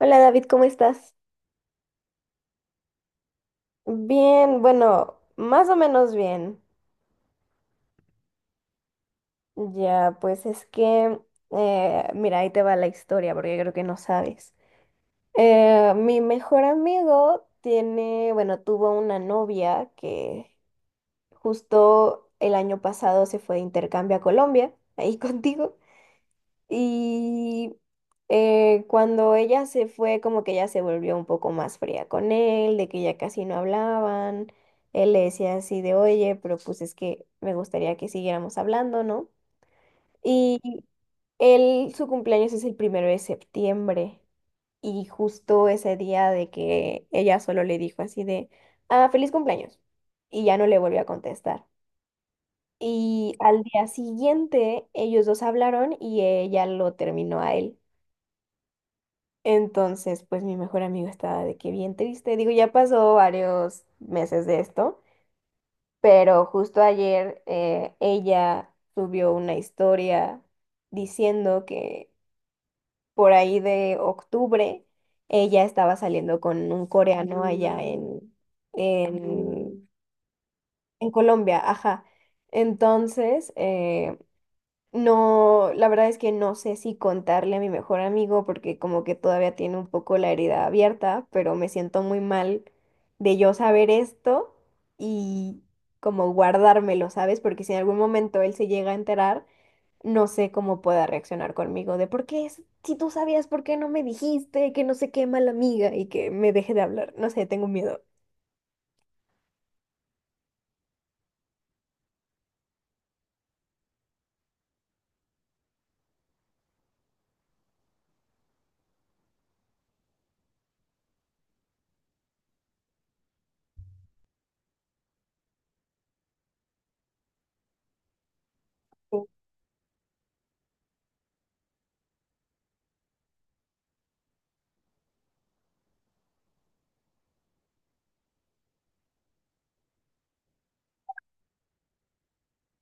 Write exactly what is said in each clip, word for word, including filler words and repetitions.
Hola David, ¿cómo estás? Bien, bueno, más o menos bien. Ya, pues es que, eh, mira, ahí te va la historia porque creo que no sabes. Eh, mi mejor amigo tiene, bueno, tuvo una novia que justo el año pasado se fue de intercambio a Colombia, ahí contigo. Y eh, cuando ella se fue, como que ella se volvió un poco más fría con él, de que ya casi no hablaban. Él le decía así de, oye, pero pues es que me gustaría que siguiéramos hablando, ¿no? Y él, su cumpleaños es el primero de septiembre. Y justo ese día de que ella solo le dijo así de, ah, feliz cumpleaños. Y ya no le volvió a contestar. Y al día siguiente ellos dos hablaron y ella lo terminó a él. Entonces, pues mi mejor amigo estaba de que bien triste. Digo, ya pasó varios meses de esto, pero justo ayer eh, ella subió una historia diciendo que por ahí de octubre ella estaba saliendo con un coreano allá en, en, en Colombia, ajá. Entonces, eh, no, la verdad es que no sé si contarle a mi mejor amigo porque como que todavía tiene un poco la herida abierta, pero me siento muy mal de yo saber esto y como guardármelo, ¿sabes? Porque si en algún momento él se llega a enterar, no sé cómo pueda reaccionar conmigo de por qué, es- si tú sabías, ¿por qué no me dijiste? Que no sé qué mala amiga y que me deje de hablar. No sé, tengo miedo.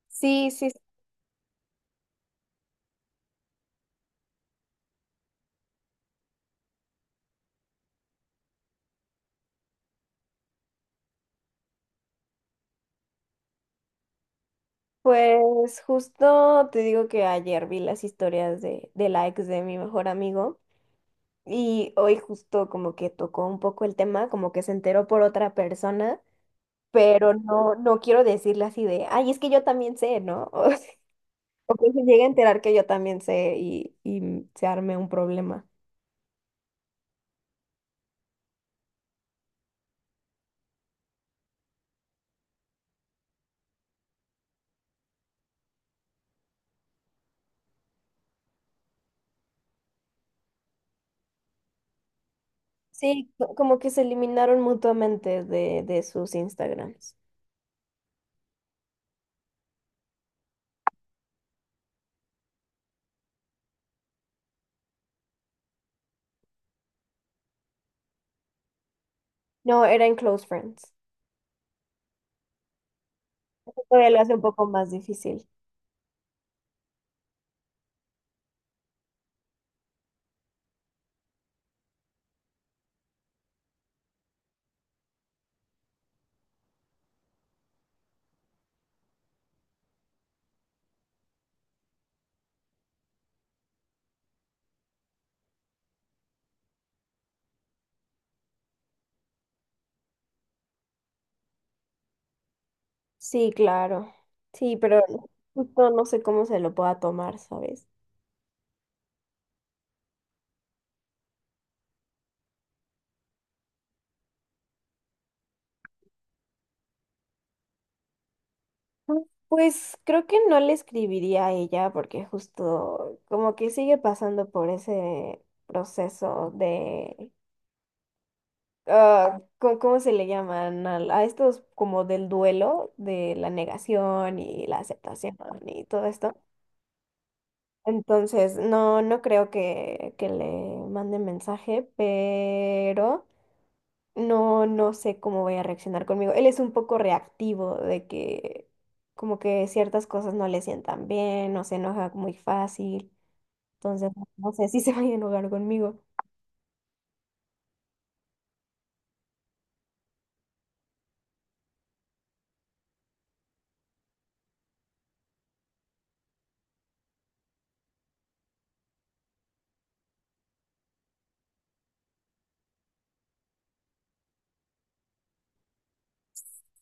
Sí, sí, pues justo te digo que ayer vi las historias de, de la ex de mi mejor amigo. Y hoy justo como que tocó un poco el tema, como que se enteró por otra persona, pero no, no quiero decirle así de, ay, es que yo también sé, ¿no? O sea, o que se llegue a enterar que yo también sé y, y se arme un problema. Sí, co- como que se eliminaron mutuamente de, de sus Instagrams. No, era en Close Friends. Todavía lo hace un poco más difícil. Sí, claro. Sí, pero justo no sé cómo se lo pueda tomar, ¿sabes? Pues creo que no le escribiría a ella porque justo como que sigue pasando por ese proceso de, ah, co- ¿cómo se le llaman? al- A, estos como del duelo, de la negación y la aceptación y todo esto. Entonces, no, no creo que, que le mande mensaje, pero no, no sé cómo vaya a reaccionar conmigo. Él es un poco reactivo de que como que ciertas cosas no le sientan bien, no se enoja muy fácil. Entonces, no sé si se vaya a enojar conmigo.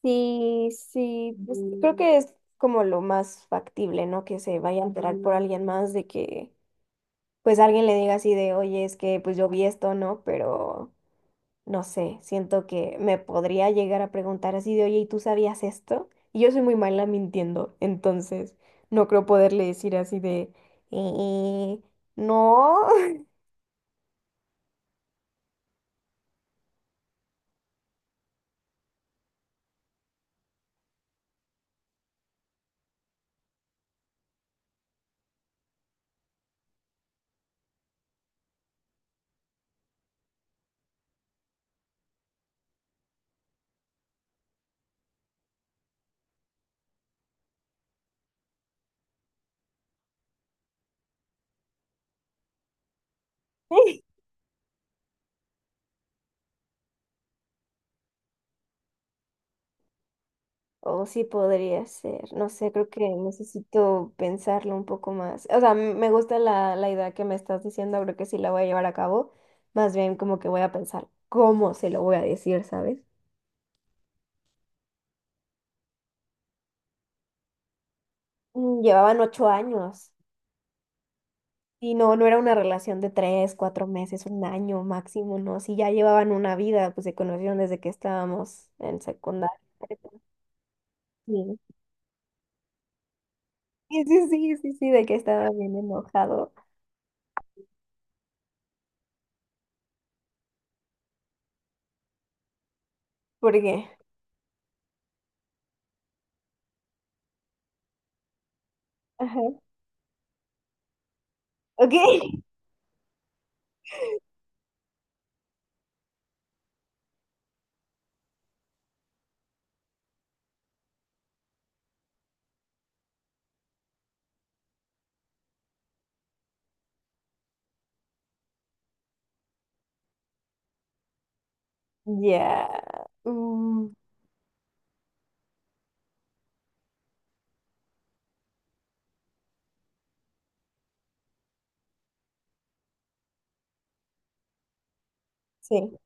Sí, sí, pues creo Mm. que es como lo más factible, ¿no? Que se vaya a enterar por Mm. alguien más de que pues alguien le diga así de, oye, es que pues yo vi esto, ¿no? Pero no sé, siento que me podría llegar a preguntar así de, oye, ¿y tú sabías esto? Y yo soy muy mala mintiendo, entonces no creo poderle decir así de, "Eh, no". O sí podría ser, no sé, creo que necesito pensarlo un poco más. O sea, m- me gusta la, la idea que me estás diciendo, creo que sí la voy a llevar a cabo. Más bien como que voy a pensar cómo se lo voy a decir, ¿sabes? Mm, Llevaban ocho años. Y no, no era una relación de tres, cuatro meses, un año máximo, ¿no? Si ya llevaban una vida, pues se conocieron desde que estábamos en secundaria. Sí, sí, sí, sí, sí, sí, de que estaba bien enojado. ¿Por qué? Ajá. Ok. Ya. Mm, sí.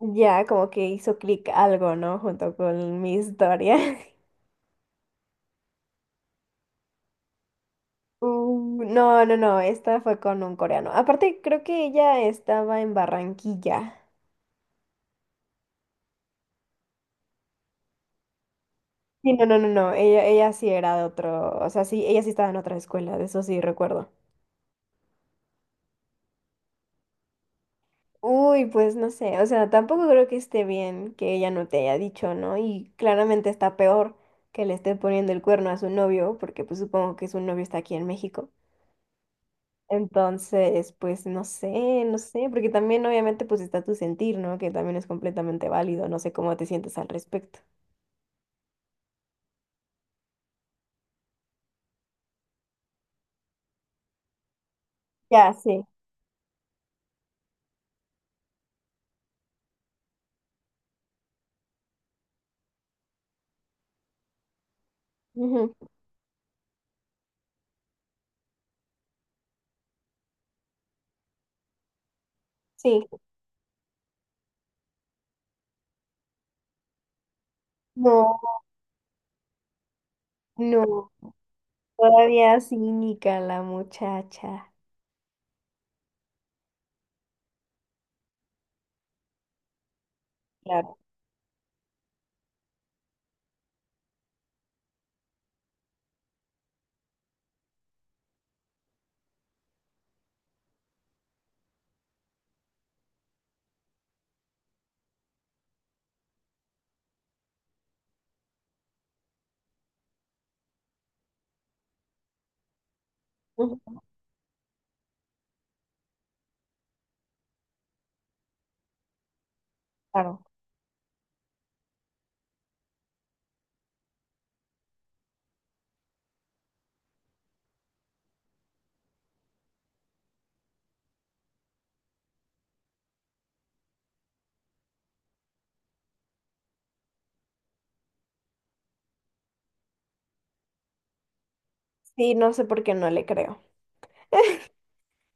Ya como que hizo clic algo, ¿no? Junto con mi historia. Mm, no, no, no. Esta fue con un coreano. Aparte, creo que ella estaba en Barranquilla. Sí, no, no, no, no. Ella, ella sí era de otro, o sea, sí, ella sí estaba en otra escuela, de eso sí recuerdo. Uy, pues no sé, o sea, tampoco creo que esté bien que ella no te haya dicho, ¿no? Y claramente está peor que le esté poniendo el cuerno a su novio, porque pues supongo que su novio está aquí en México. Entonces, pues no sé, no sé, porque también obviamente pues está tu sentir, ¿no? Que también es completamente válido, no sé cómo te sientes al respecto. Ya, sí. Ujú, sí. No, no, todavía cínica la muchacha. Claro, ujú, claro. Sí, no sé por qué no le creo.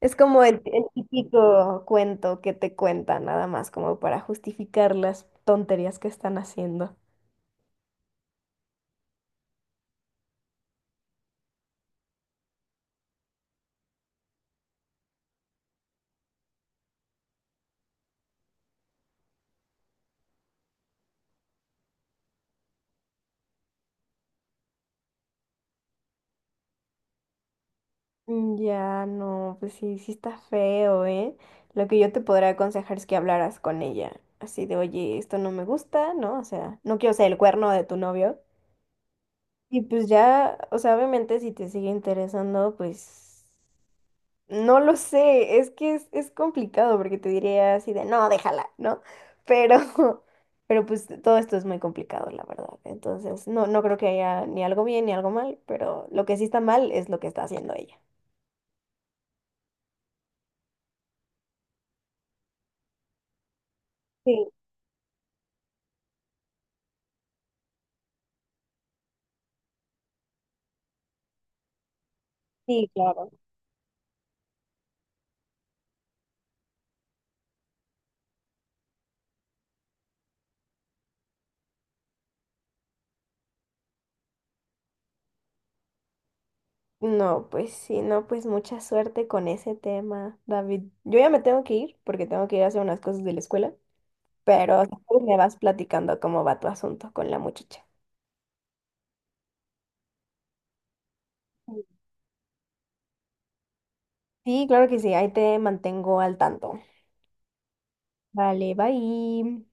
Es como el, el típico cuento que te cuentan, nada más como para justificar las tonterías que están haciendo. Mm, ya, no, pues sí, sí está feo, ¿eh? Lo que yo te podría aconsejar es que hablaras con ella, así de, oye, esto no me gusta, ¿no? O sea, no quiero ser el cuerno de tu novio. Y pues ya, o sea, obviamente si te sigue interesando, pues no lo sé, es que es, es complicado porque te diría así de, no, déjala, ¿no? Pero, pero pues todo esto es muy complicado, la verdad. Entonces, no, no creo que haya ni algo bien ni algo mal, pero lo que sí está mal es lo que está haciendo ella. Sí, sí, claro. No, pues sí, no, pues mucha suerte con ese tema, David. Yo ya me tengo que ir porque tengo que ir a hacer unas cosas de la escuela. Pero si quieres me vas platicando cómo va tu asunto con la muchacha. Sí, claro que sí, ahí te mantengo al tanto. Vale, bye.